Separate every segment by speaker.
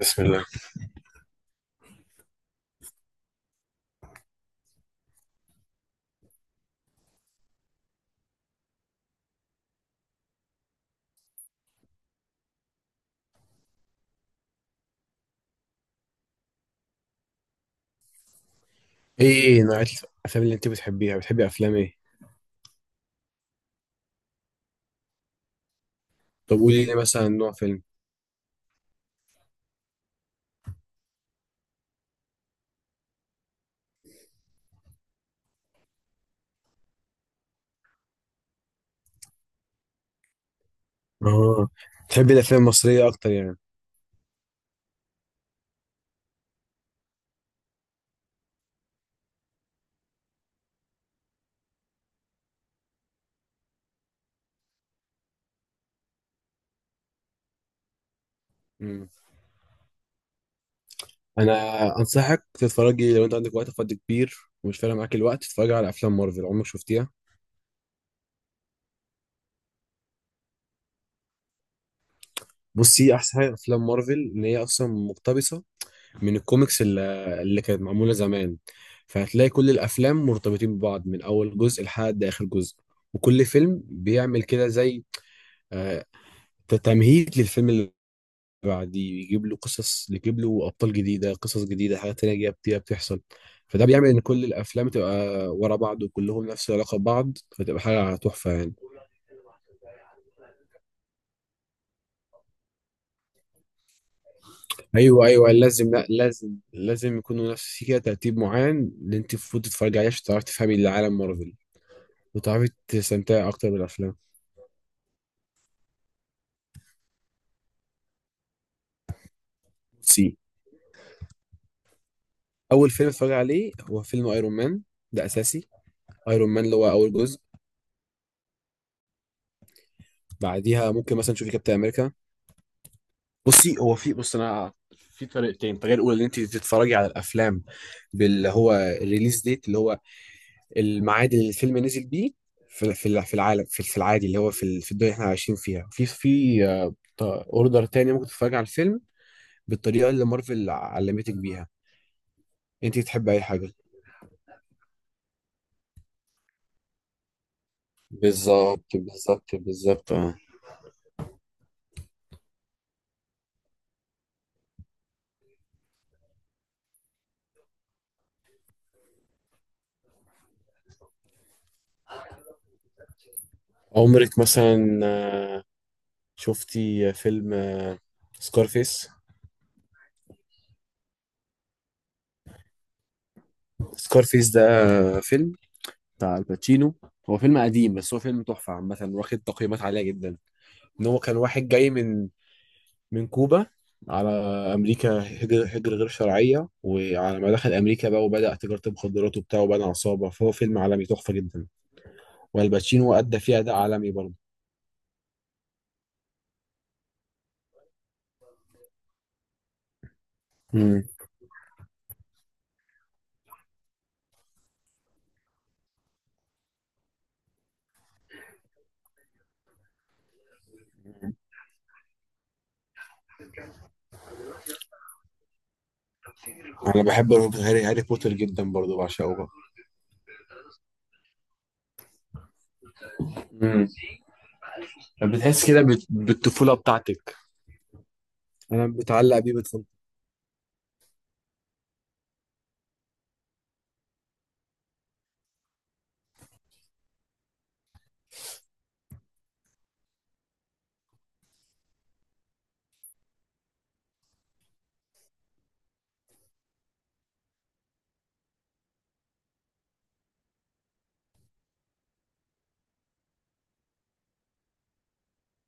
Speaker 1: بسم الله. ايه نوعية الافلام اللي انت بتحبيها؟ بتحبي افلام ايه؟ طب قولي لي مثلا نوع فيلم. اه، بتحبي الافلام المصرية اكتر يعني؟ مم. انا انصحك تتفرجي، لو انت عندك وقت فاضي كبير ومش فارق معاك الوقت، تتفرجي على افلام مارفل. عمرك شفتيها؟ بصي، احسن حاجة افلام مارفل ان هي اصلا مقتبسة من الكوميكس اللي كانت معمولة زمان، فهتلاقي كل الافلام مرتبطين ببعض من اول جزء لحد اخر جزء. وكل فيلم بيعمل كده زي آه، تمهيد للفيلم بعديه، يجيب له قصص، يجيب له ابطال جديده، قصص جديده، حاجات تانية جايه بتحصل. فده بيعمل ان كل الافلام تبقى ورا بعض وكلهم نفس العلاقه ببعض، فتبقى حاجه تحفه يعني. ايوه لازم، لا لازم لازم يكونوا نفس في كده ترتيب معين اللي انت المفروض تتفرجي عليه عشان تعرفي تفهمي اللي عالم مارفل وتعرفي تستمتعي اكتر بالافلام. سي، اول فيلم اتفرج عليه هو فيلم ايرون مان، ده اساسي. ايرون مان اللي هو اول جزء. بعديها ممكن مثلا تشوفي كابتن امريكا. بصي هو في، بص، انا في طريقتين. الطريقه الاولى ان انت تتفرجي على الافلام باللي هو الريليز ديت، اللي هو الميعاد اللي الفيلم نزل بيه في العالم، في العادي، اللي هو في الدنيا اللي احنا عايشين فيها. في اوردر تاني ممكن تتفرجي على الفيلم بالطريقه اللي مارفل علمتك بيها، انت تحبي اي حاجه. بالظبط اه. عمرك مثلا شفتي فيلم سكارفيس؟ سكارفيس ده فيلم بتاع الباتشينو. هو فيلم قديم بس هو فيلم تحفة عامة، واخد تقييمات عالية جدا. ان هو كان واحد جاي من من كوبا على امريكا، هجر غير شرعية، وعلى ما دخل امريكا بقى وبدأ تجارة المخدرات وبتاع وبنى عصابة. فهو فيلم عالمي تحفة جدا. والباتشينو ادى فيه اداء عالمي برضه. امم، انا بحب هاري بوتر جدا برضه، بعشقه بقى. امم. بتحس كده بالطفولة بتاعتك، انا بتعلق بيه، بتفضل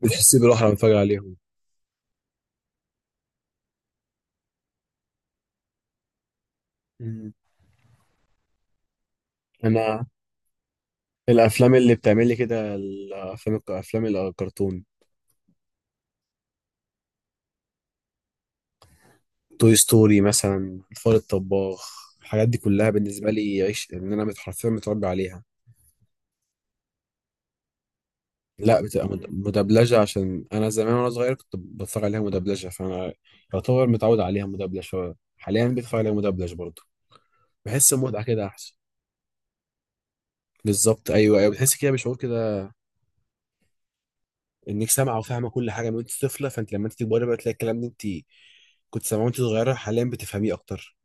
Speaker 1: بتحس بالراحة لما بتفرج عليهم. مم. انا الافلام اللي بتعمل لي كده الافلام افلام الكرتون. توي ستوري مثلا، الفار الطباخ، الحاجات دي كلها بالنسبه لي عيش، ان انا حرفيا متربي عليها. لا، بتبقى مدبلجه، عشان انا زمان وانا صغير كنت بتفرج عليها مدبلجه، فانا يعتبر متعود عليها مدبلجه. حاليا بتفرج عليها مدبلج برضه، بحس المتعه كده احسن. بالظبط، ايوه، بتحس كده بشعور كده انك سامعه وفاهمه كل حاجه من وانت طفله. فانت لما انت تكبري بقى تلاقي الكلام ده انت كنت سامعاه وانت صغيره، حاليا بتفهميه اكتر،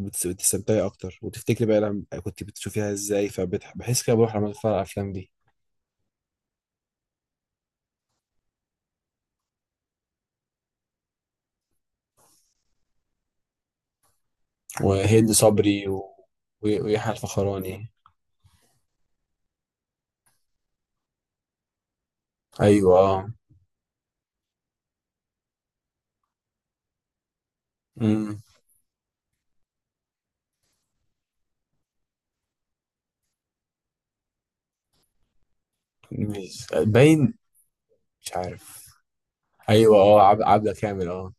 Speaker 1: بتستمتعي اكتر، وتفتكري بقى لما كنت بتشوفيها ازاي، فبحس كده بروح لما اتفرج على الافلام دي. وهند صبري ويحيى الفخراني. ايوه اه. امم. باين مش عارف. ايوه اه، عبلة كامل اه.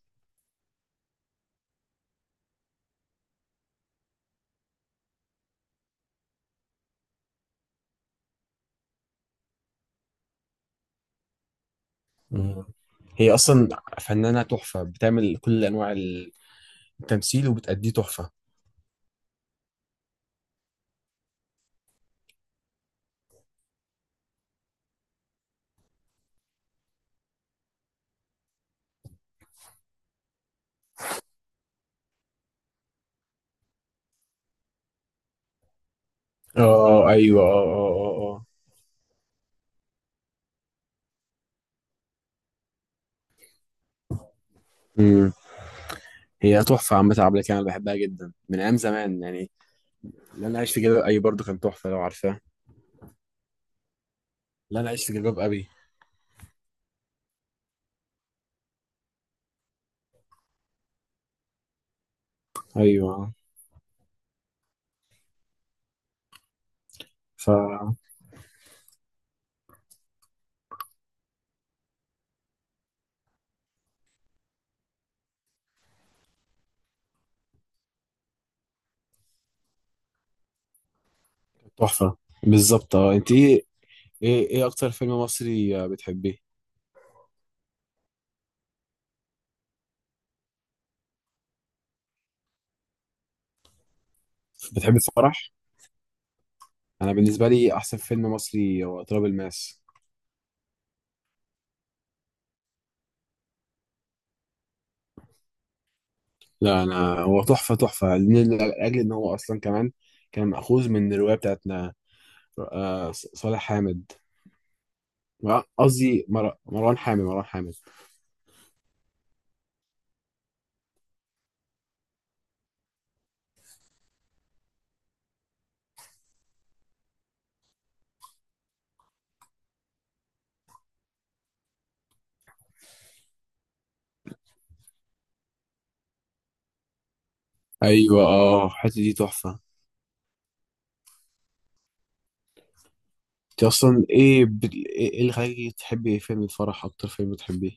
Speaker 1: مم. هي اصلا فنانة تحفة، بتعمل كل انواع التمثيل وبتأديه تحفة. اه ايوه، اه اه اه اه. امم. هي تحفة عامة، عبلة كامل بحبها جدا من ايام زمان يعني. لا انا عايش في جلباب ابي برضو كان تحفة، لو عارفاه. لا انا عايش في جلباب ابي. ايوه. ف تحفه. بالظبط اه. انت ايه ايه ايه اكتر فيلم مصري آه، بتحبيه؟ بتحبي الفرح؟ انا بالنسبه لي احسن فيلم مصري هو تراب الماس. لا انا هو تحفه تحفه، لاجل ان هو اصلا كمان كان مأخوذ من الروايه بتاعتنا. صالح حامد، قصدي مروان حامد، مروان حامد. ايوه اه، الحته دي تحفه. انت اصلا ايه إيه اللي خلاكي تحبي فيلم الفرح اكتر فيلم بتحبيه؟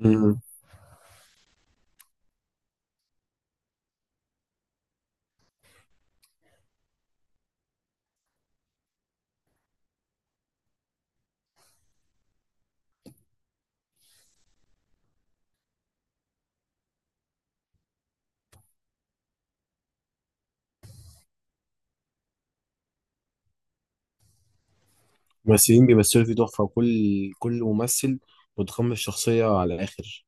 Speaker 1: امم. الممثلين بيمثلوا فيه تحفة، وكل ممثل متقمص الشخصية على الآخر.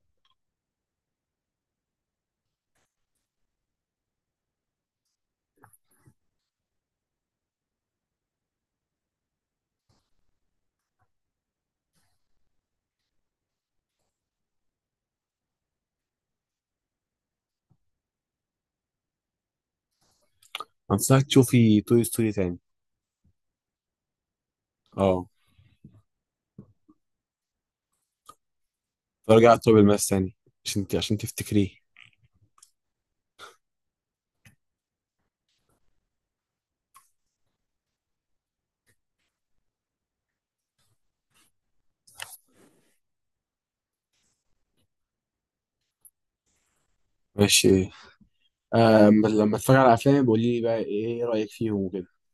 Speaker 1: أنصحك تشوفي توي ستوري تاني. اه، ترجع على توي الماس تاني، عشان تفتكريه. ماشي. آه لما اتفرج على أفلامي بقولي لي بقى إيه رأيك فيهم وكده.